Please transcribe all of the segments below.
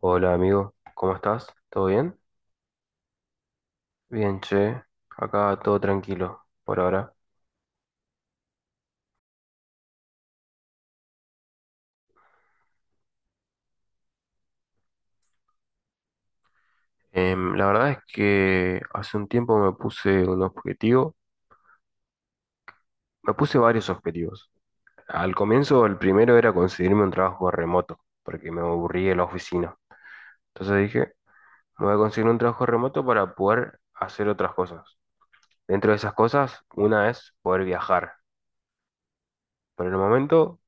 Hola amigo, ¿cómo estás? ¿Todo bien? Bien, che, acá todo tranquilo por ahora. La verdad es que hace un tiempo me puse un objetivo, me puse varios objetivos. Al comienzo el primero era conseguirme un trabajo remoto, porque me aburrí de la oficina. Entonces dije, me voy a conseguir un trabajo remoto para poder hacer otras cosas. Dentro de esas cosas, una es poder viajar. Por el momento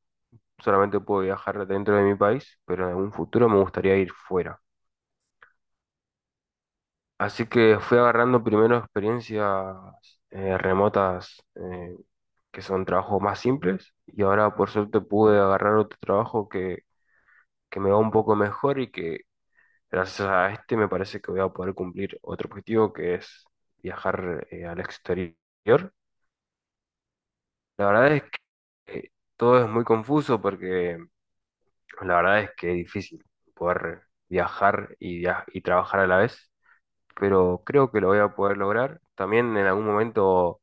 solamente puedo viajar dentro de mi país, pero en algún futuro me gustaría ir fuera. Así que fui agarrando primero experiencias remotas, que son trabajos más simples, y ahora por suerte pude agarrar otro trabajo que me va un poco mejor y que gracias a este me parece que voy a poder cumplir otro objetivo, que es viajar, al exterior. La verdad es que todo es muy confuso, porque la verdad es que es difícil poder viajar y, y trabajar a la vez, pero creo que lo voy a poder lograr. También en algún momento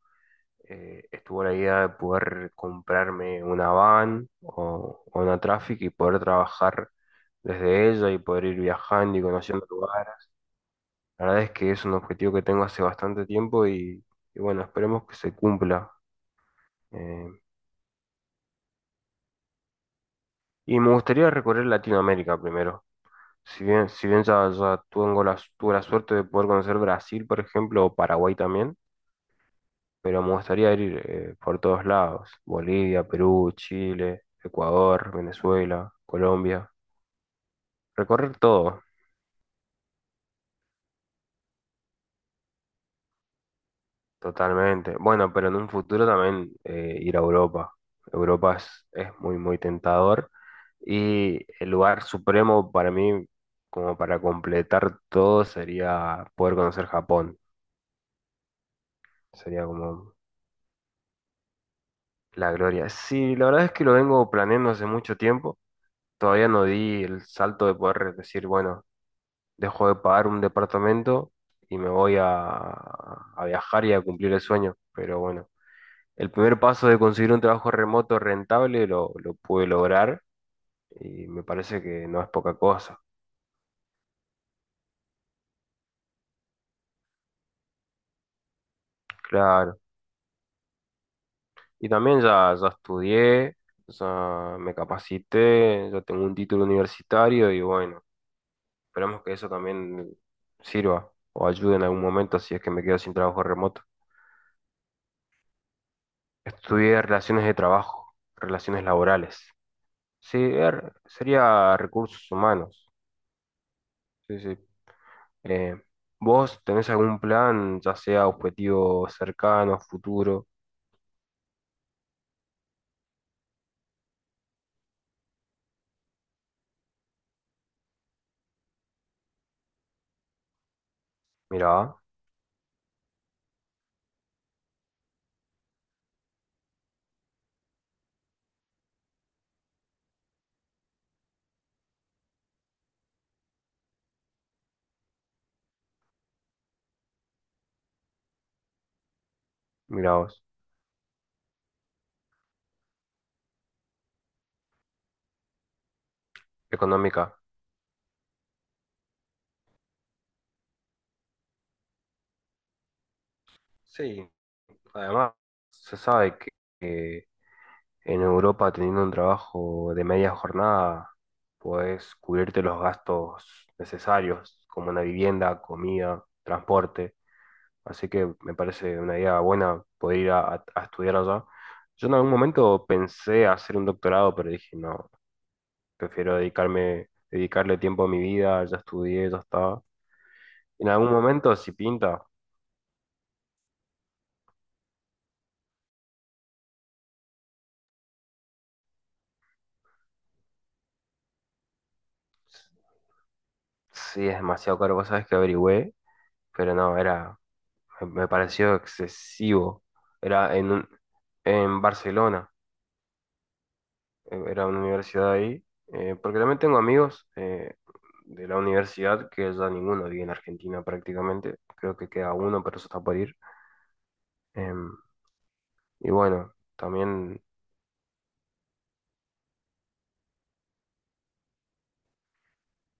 estuvo la idea de poder comprarme una van o una Traffic y poder trabajar desde ella y poder ir viajando y conociendo lugares. La verdad es que es un objetivo que tengo hace bastante tiempo y bueno, esperemos que se cumpla. Eh, y me gustaría recorrer Latinoamérica primero. Si bien ya, ya tengo tuve la suerte de poder conocer Brasil, por ejemplo, o Paraguay también, pero me gustaría ir, por todos lados, Bolivia, Perú, Chile, Ecuador, Venezuela, Colombia, recorrer todo totalmente. Bueno, pero en un futuro también, ir a Europa. Europa es muy, muy tentador, y el lugar supremo para mí, como para completar todo, sería poder conocer Japón. Sería como la gloria. Sí, la verdad es que lo vengo planeando hace mucho tiempo. Todavía no di el salto de poder decir, bueno, dejo de pagar un departamento y me voy a viajar y a cumplir el sueño. Pero bueno, el primer paso de conseguir un trabajo remoto rentable lo pude lograr y me parece que no es poca cosa, claro. Y también ya, ya estudié, ya me capacité, ya tengo un título universitario y bueno, esperamos que eso también sirva o ayude en algún momento si es que me quedo sin trabajo remoto. Estudié relaciones de trabajo, relaciones laborales. Sí, sería recursos humanos. Sí, sí. Eh, ¿Vos tenés algún plan, ya sea objetivo cercano, futuro? Mirá, mirá vos. Económica. Sí, además se sabe que en Europa teniendo un trabajo de media jornada podés cubrirte los gastos necesarios, como una vivienda, comida, transporte. Así que me parece una idea buena poder ir a estudiar allá. Yo en algún momento pensé hacer un doctorado, pero dije, no, prefiero dedicarme, dedicarle tiempo a mi vida, ya estudié, ya está. En algún momento, si pinta, sí es demasiado caro, vos sabés que averigüé, pero no, era, me pareció excesivo. Era en Barcelona. Era una universidad ahí, porque también tengo amigos, de la universidad, que ya ninguno vive en Argentina prácticamente, creo que queda uno, pero eso está por ir. Em, y bueno, también,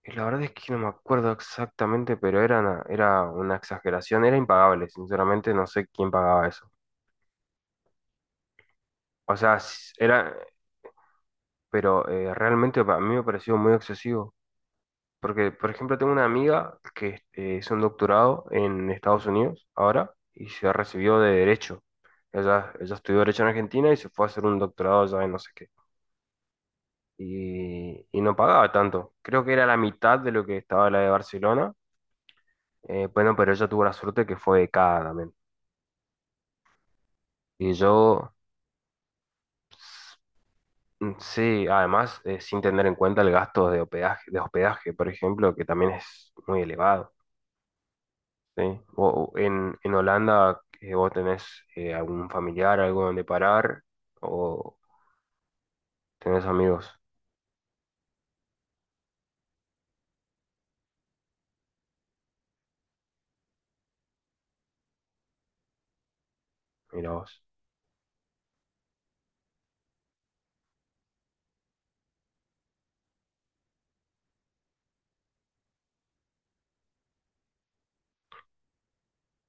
y la verdad es que no me acuerdo exactamente, pero era era una exageración, era impagable, sinceramente no sé quién pagaba eso. O sea, era, pero realmente a mí me pareció muy excesivo. Porque, por ejemplo, tengo una amiga que, hizo un doctorado en Estados Unidos ahora y se recibió de Derecho. Ella estudió Derecho en Argentina y se fue a hacer un doctorado allá en no sé qué. Y no pagaba tanto. Creo que era la mitad de lo que estaba la de Barcelona. Bueno, pero ella tuvo la suerte que fue becada también. Y yo, mm, sí, además, sin tener en cuenta el gasto de hospedaje, por ejemplo, que también es muy elevado. ¿Sí? O en Holanda, ¿vos tenés algún familiar, algo donde parar? ¿O tenés amigos? Mira vos.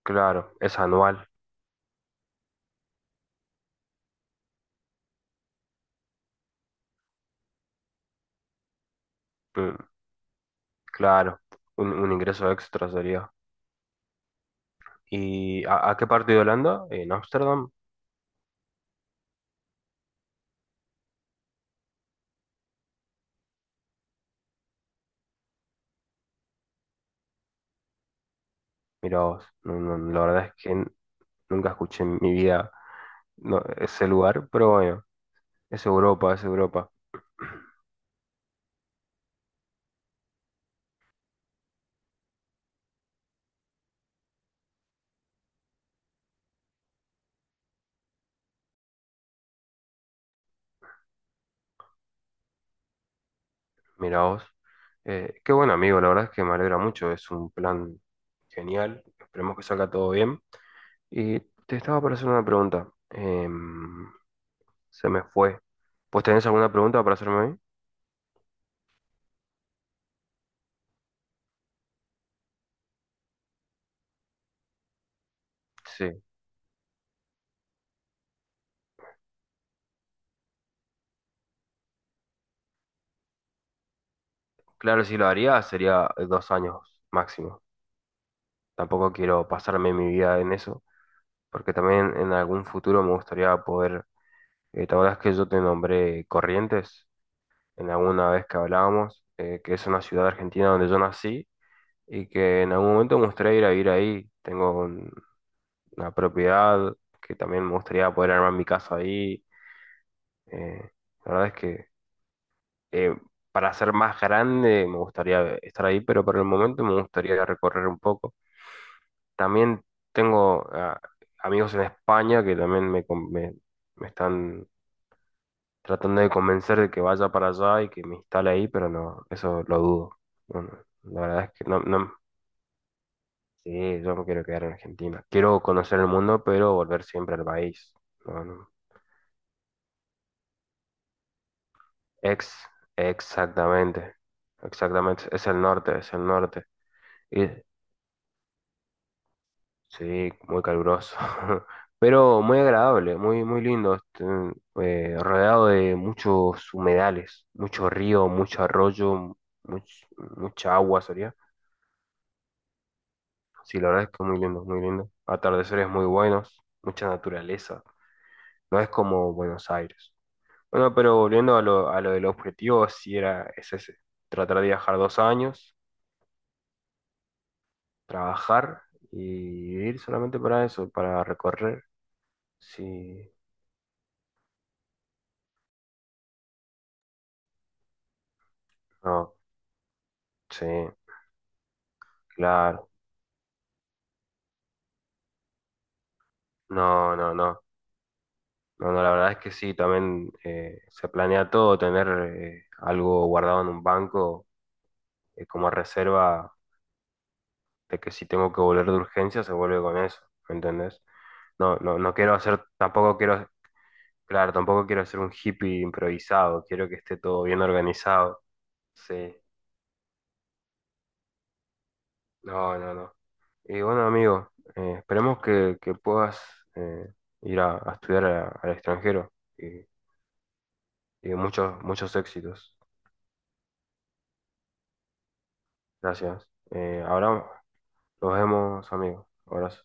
Claro, es anual. Mm, claro, un ingreso extra sería. ¿Y a qué parte de Holanda? ¿En Ámsterdam? Mira vos. No, no, la verdad es que nunca escuché en mi vida, no, ese lugar, pero bueno, es Europa, es Europa. Mira vos. Qué buen amigo, la verdad es que me alegra mucho, es un plan genial, esperemos que salga todo bien. Y te estaba para hacer una pregunta. Se me fue. ¿Pues tenés alguna pregunta para hacerme a mí? Sí. Claro, si lo haría, sería 2 años máximo. Tampoco quiero pasarme mi vida en eso, porque también en algún futuro me gustaría poder... ¿te acuerdas que yo te nombré Corrientes en alguna vez que hablábamos? Que es una ciudad argentina donde yo nací y que en algún momento me gustaría ir a vivir ahí. Tengo una propiedad que también me gustaría poder armar mi casa ahí. Eh, la verdad es que, eh, para ser más grande me gustaría estar ahí, pero por el momento me gustaría recorrer un poco. También tengo, ah, amigos en España que también me están tratando de convencer de que vaya para allá y que me instale ahí, pero no, eso lo dudo. No, no, la verdad es que no, no, sí, yo me quiero quedar en Argentina. Quiero conocer el mundo, pero volver siempre al país. No, no. Ex, Exactamente, exactamente, es el norte, es el norte. Y sí, muy caluroso, pero muy agradable, muy, muy lindo, este, rodeado de muchos humedales, mucho río, mucho arroyo, much- mucha agua sería. Sí, la verdad es que muy lindo, muy lindo. Atardeceres muy buenos, mucha naturaleza. No es como Buenos Aires. Bueno, pero volviendo a a lo del objetivo, sí era, es ese, tratar de viajar 2 años, trabajar y ir solamente para eso, para recorrer. Sí, no, sí. Claro, no, no, no. No, no, la verdad es que sí, también, se planea todo, tener algo guardado en un banco, como reserva, de que si tengo que volver de urgencia se vuelve con eso, ¿me entendés? No, no, no quiero hacer, tampoco quiero, claro, tampoco quiero hacer un hippie improvisado, quiero que esté todo bien organizado, sí, no, no, no. Y bueno, amigo, esperemos que puedas, eh, ir a estudiar al extranjero y muchos, muchos éxitos. Gracias. Ahora nos vemos, amigos. Abrazo.